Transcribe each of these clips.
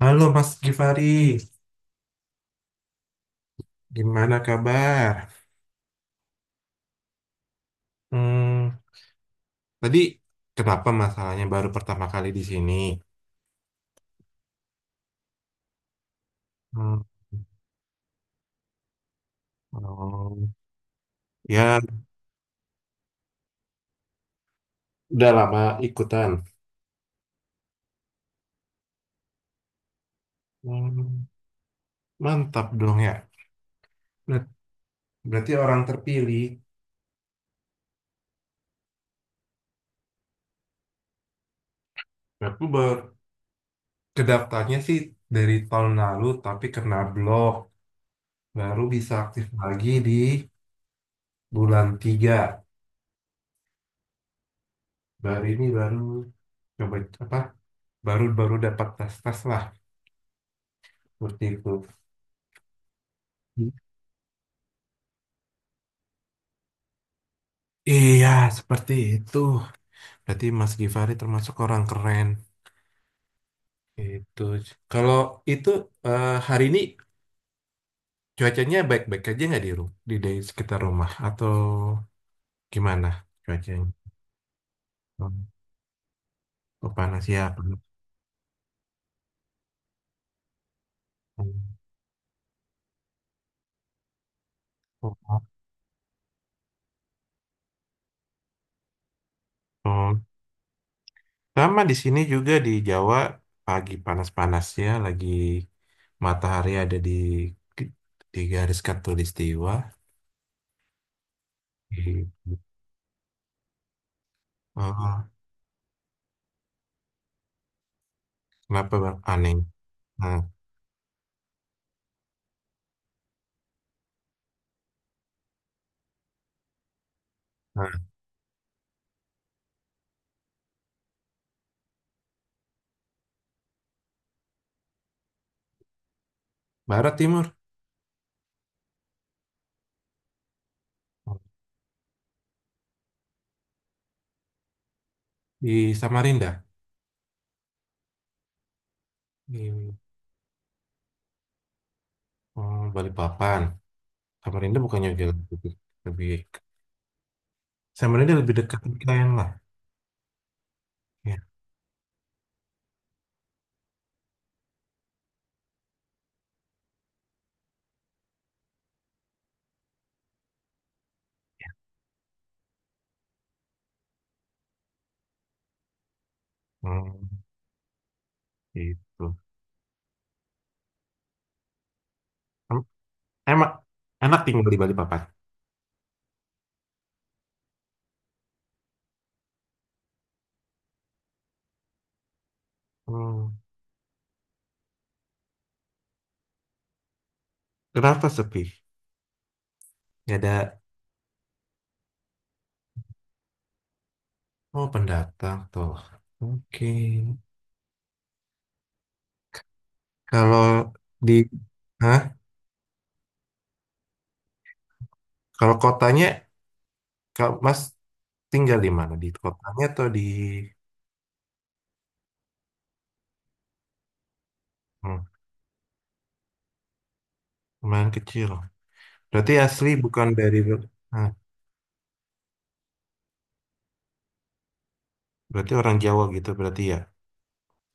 Halo Mas Gifari, gimana kabar? Hmm, tadi kenapa masalahnya baru pertama kali di sini? Hmm, oh, ya udah lama ikutan. Hmm, mantap dong ya. Ber- Berarti orang terpilih. Aku baru kedaftarnya sih dari tahun lalu, tapi kena blok. Baru bisa aktif lagi di bulan 3. Baru ini baru coba apa? Baru baru dapat tes tes lah seperti itu. Iya, seperti itu. Berarti Mas Givari termasuk orang keren. Itu. Kalau itu hari ini cuacanya baik-baik aja nggak di sekitar rumah atau gimana cuacanya? Hmm, oh, panas ya. Panas. Oh, oh. Sama di sini juga di Jawa pagi panas-panas ya, lagi matahari ada di garis khatulistiwa. Gitu. Oh, kenapa bang? Aneh. Nah, nah. Barat Timur. Di Samarinda, di oh, Balikpapan. Samarinda bukannya dia lebih, lebih lebih dekat UKM lah. Ya, ya. Hmm, gitu. Em- Emak, enak tinggal di Balikpapan. Hmm, kenapa sepi? Gak ada. Oh, pendatang tuh. Oke. Kalau di, hah? Kalau kotanya, kalau Mas tinggal di mana? Di kotanya atau di hmm, lumayan kecil? Berarti asli bukan dari, ah, berarti orang Jawa gitu berarti ya?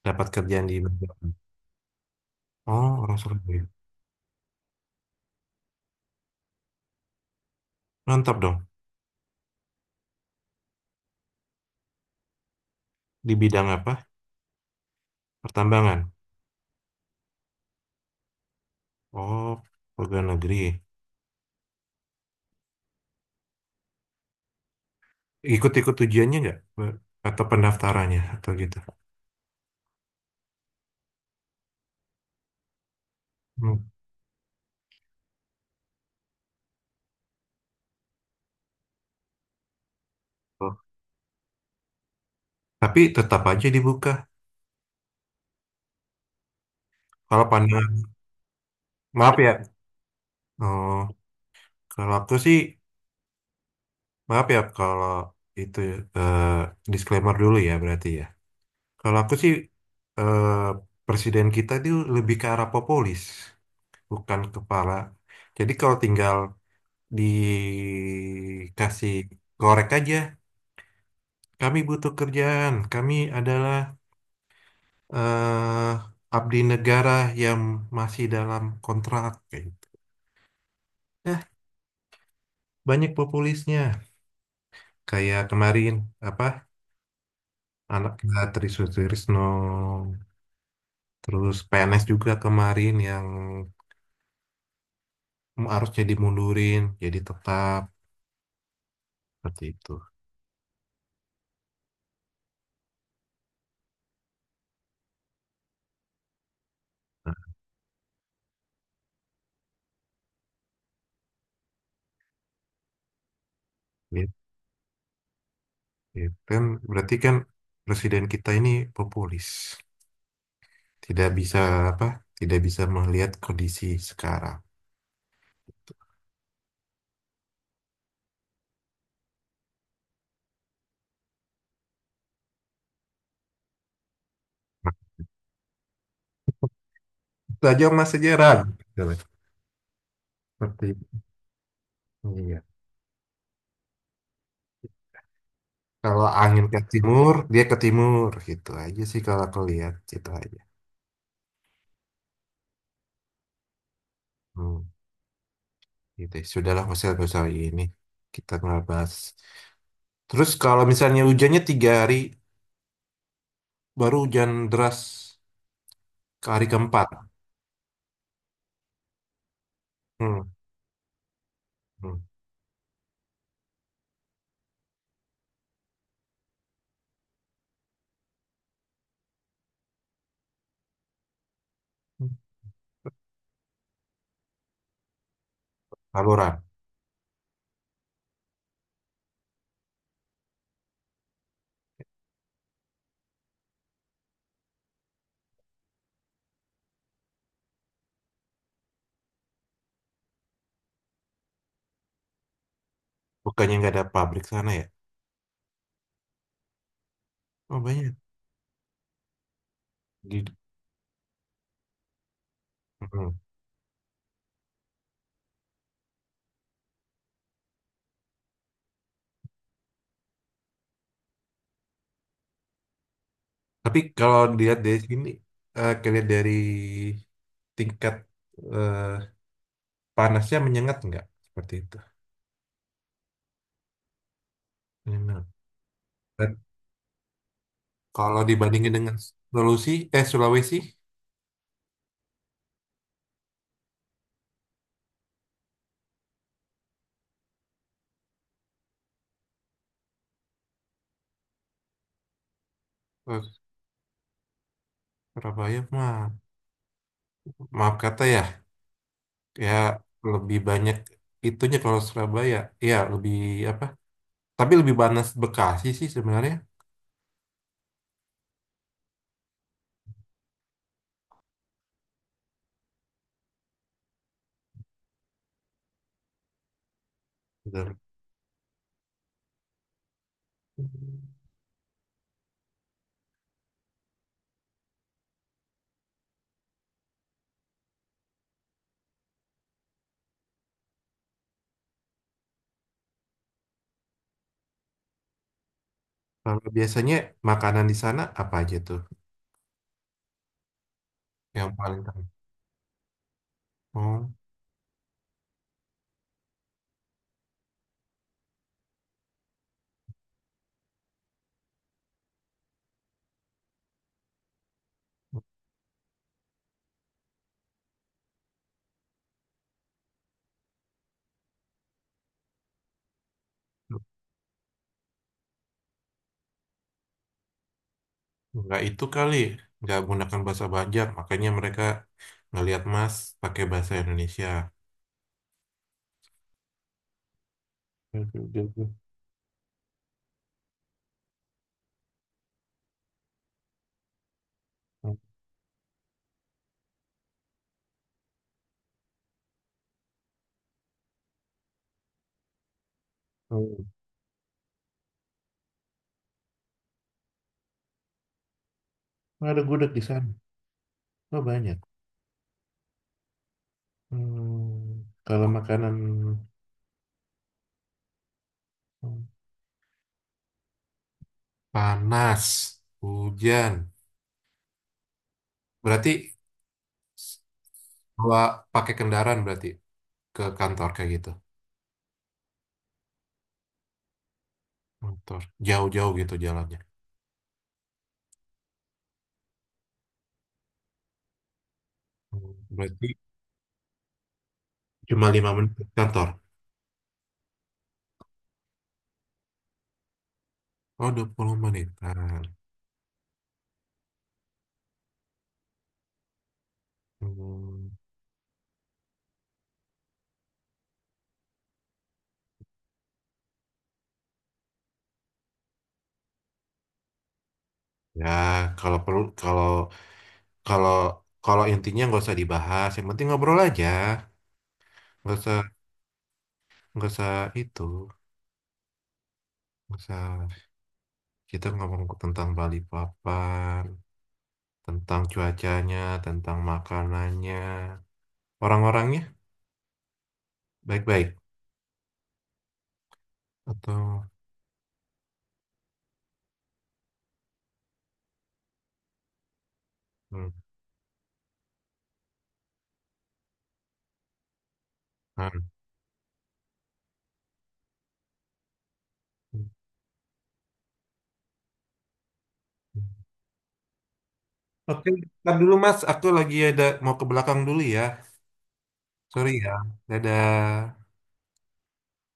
Dapat kerjaan di Magelang. Oh, orang Surabaya. Mantap dong. Di bidang apa? Pertambangan. Oh, pegawai negeri. Ikut-ikut ujiannya nggak? Atau pendaftarannya? Atau gitu? Hmm. Oh. Tapi tetap aja dibuka. Kalau pandang, maaf ya. Oh, kalau aku sih, maaf ya kalau itu eh, disclaimer dulu ya berarti ya. Kalau aku sih eh, presiden kita itu lebih ke arah populis, bukan kepala. Jadi kalau tinggal dikasih korek aja. Kami butuh kerjaan. Kami adalah abdi negara yang masih dalam kontrak. Kayak gitu. Nah, banyak populisnya. Kayak kemarin apa Tri Sutrisno, terus PNS juga kemarin yang harusnya dimundurin jadi tetap seperti itu. Nah, gitu. Gitu. Kan berarti kan presiden kita ini populis, tidak bisa apa tidak bisa melihat kondisi sekarang. Nah, itu aja mas sejarah gitu seperti iya, kalau angin ke timur dia ke timur gitu aja sih kalau aku lihat gitu aja. Hmm, gitu ya. Sudahlah mas nggak usah ini, kita nggak bahas. Terus kalau misalnya hujannya 3 hari baru hujan deras ke hari keempat. Hmm, hmm. Saluran, bukannya nggak ada pabrik sana ya? Oh banyak. Di- hmm. Tapi kalau dilihat dari sini, eh kalian dari tingkat eh, panasnya menyengat nggak? Seperti itu. Menyengat. Dan kalau dibandingin dengan Sulawesi, eh Sulawesi, eh, Surabaya mah, maaf kata ya, ya lebih banyak itunya kalau Surabaya, ya lebih apa? Tapi lebih panas Bekasi sih sebenarnya. Betul. Kalau biasanya makanan di sana apa aja tuh yang paling terkenal? Oh. Nggak itu kali, nggak menggunakan bahasa Banjar, makanya mereka ngelihat Mas pakai bahasa Indonesia. Oke, oke, oke. Hmm. Ada gudeg di sana. Oh, banyak. Hmm, kalau makanan hmm, panas, hujan, berarti bawa pakai kendaraan berarti ke kantor kayak gitu. Kantor jauh-jauh gitu jalannya. Hmm, berarti cuma 5 menit ke kantor. Oh, 20 menitan. Hmm. Ya, kalau perlu kalau kalau kalau intinya nggak usah dibahas, yang penting ngobrol aja. Nggak usah nggak usah itu, nggak usah kita ngomong tentang Bali Papan, tentang cuacanya, tentang makanannya, orang-orangnya baik-baik atau hmm, hmm. Oke, ntar dulu Mas, aku lagi ada mau ke belakang dulu ya. Sorry ya. Dadah.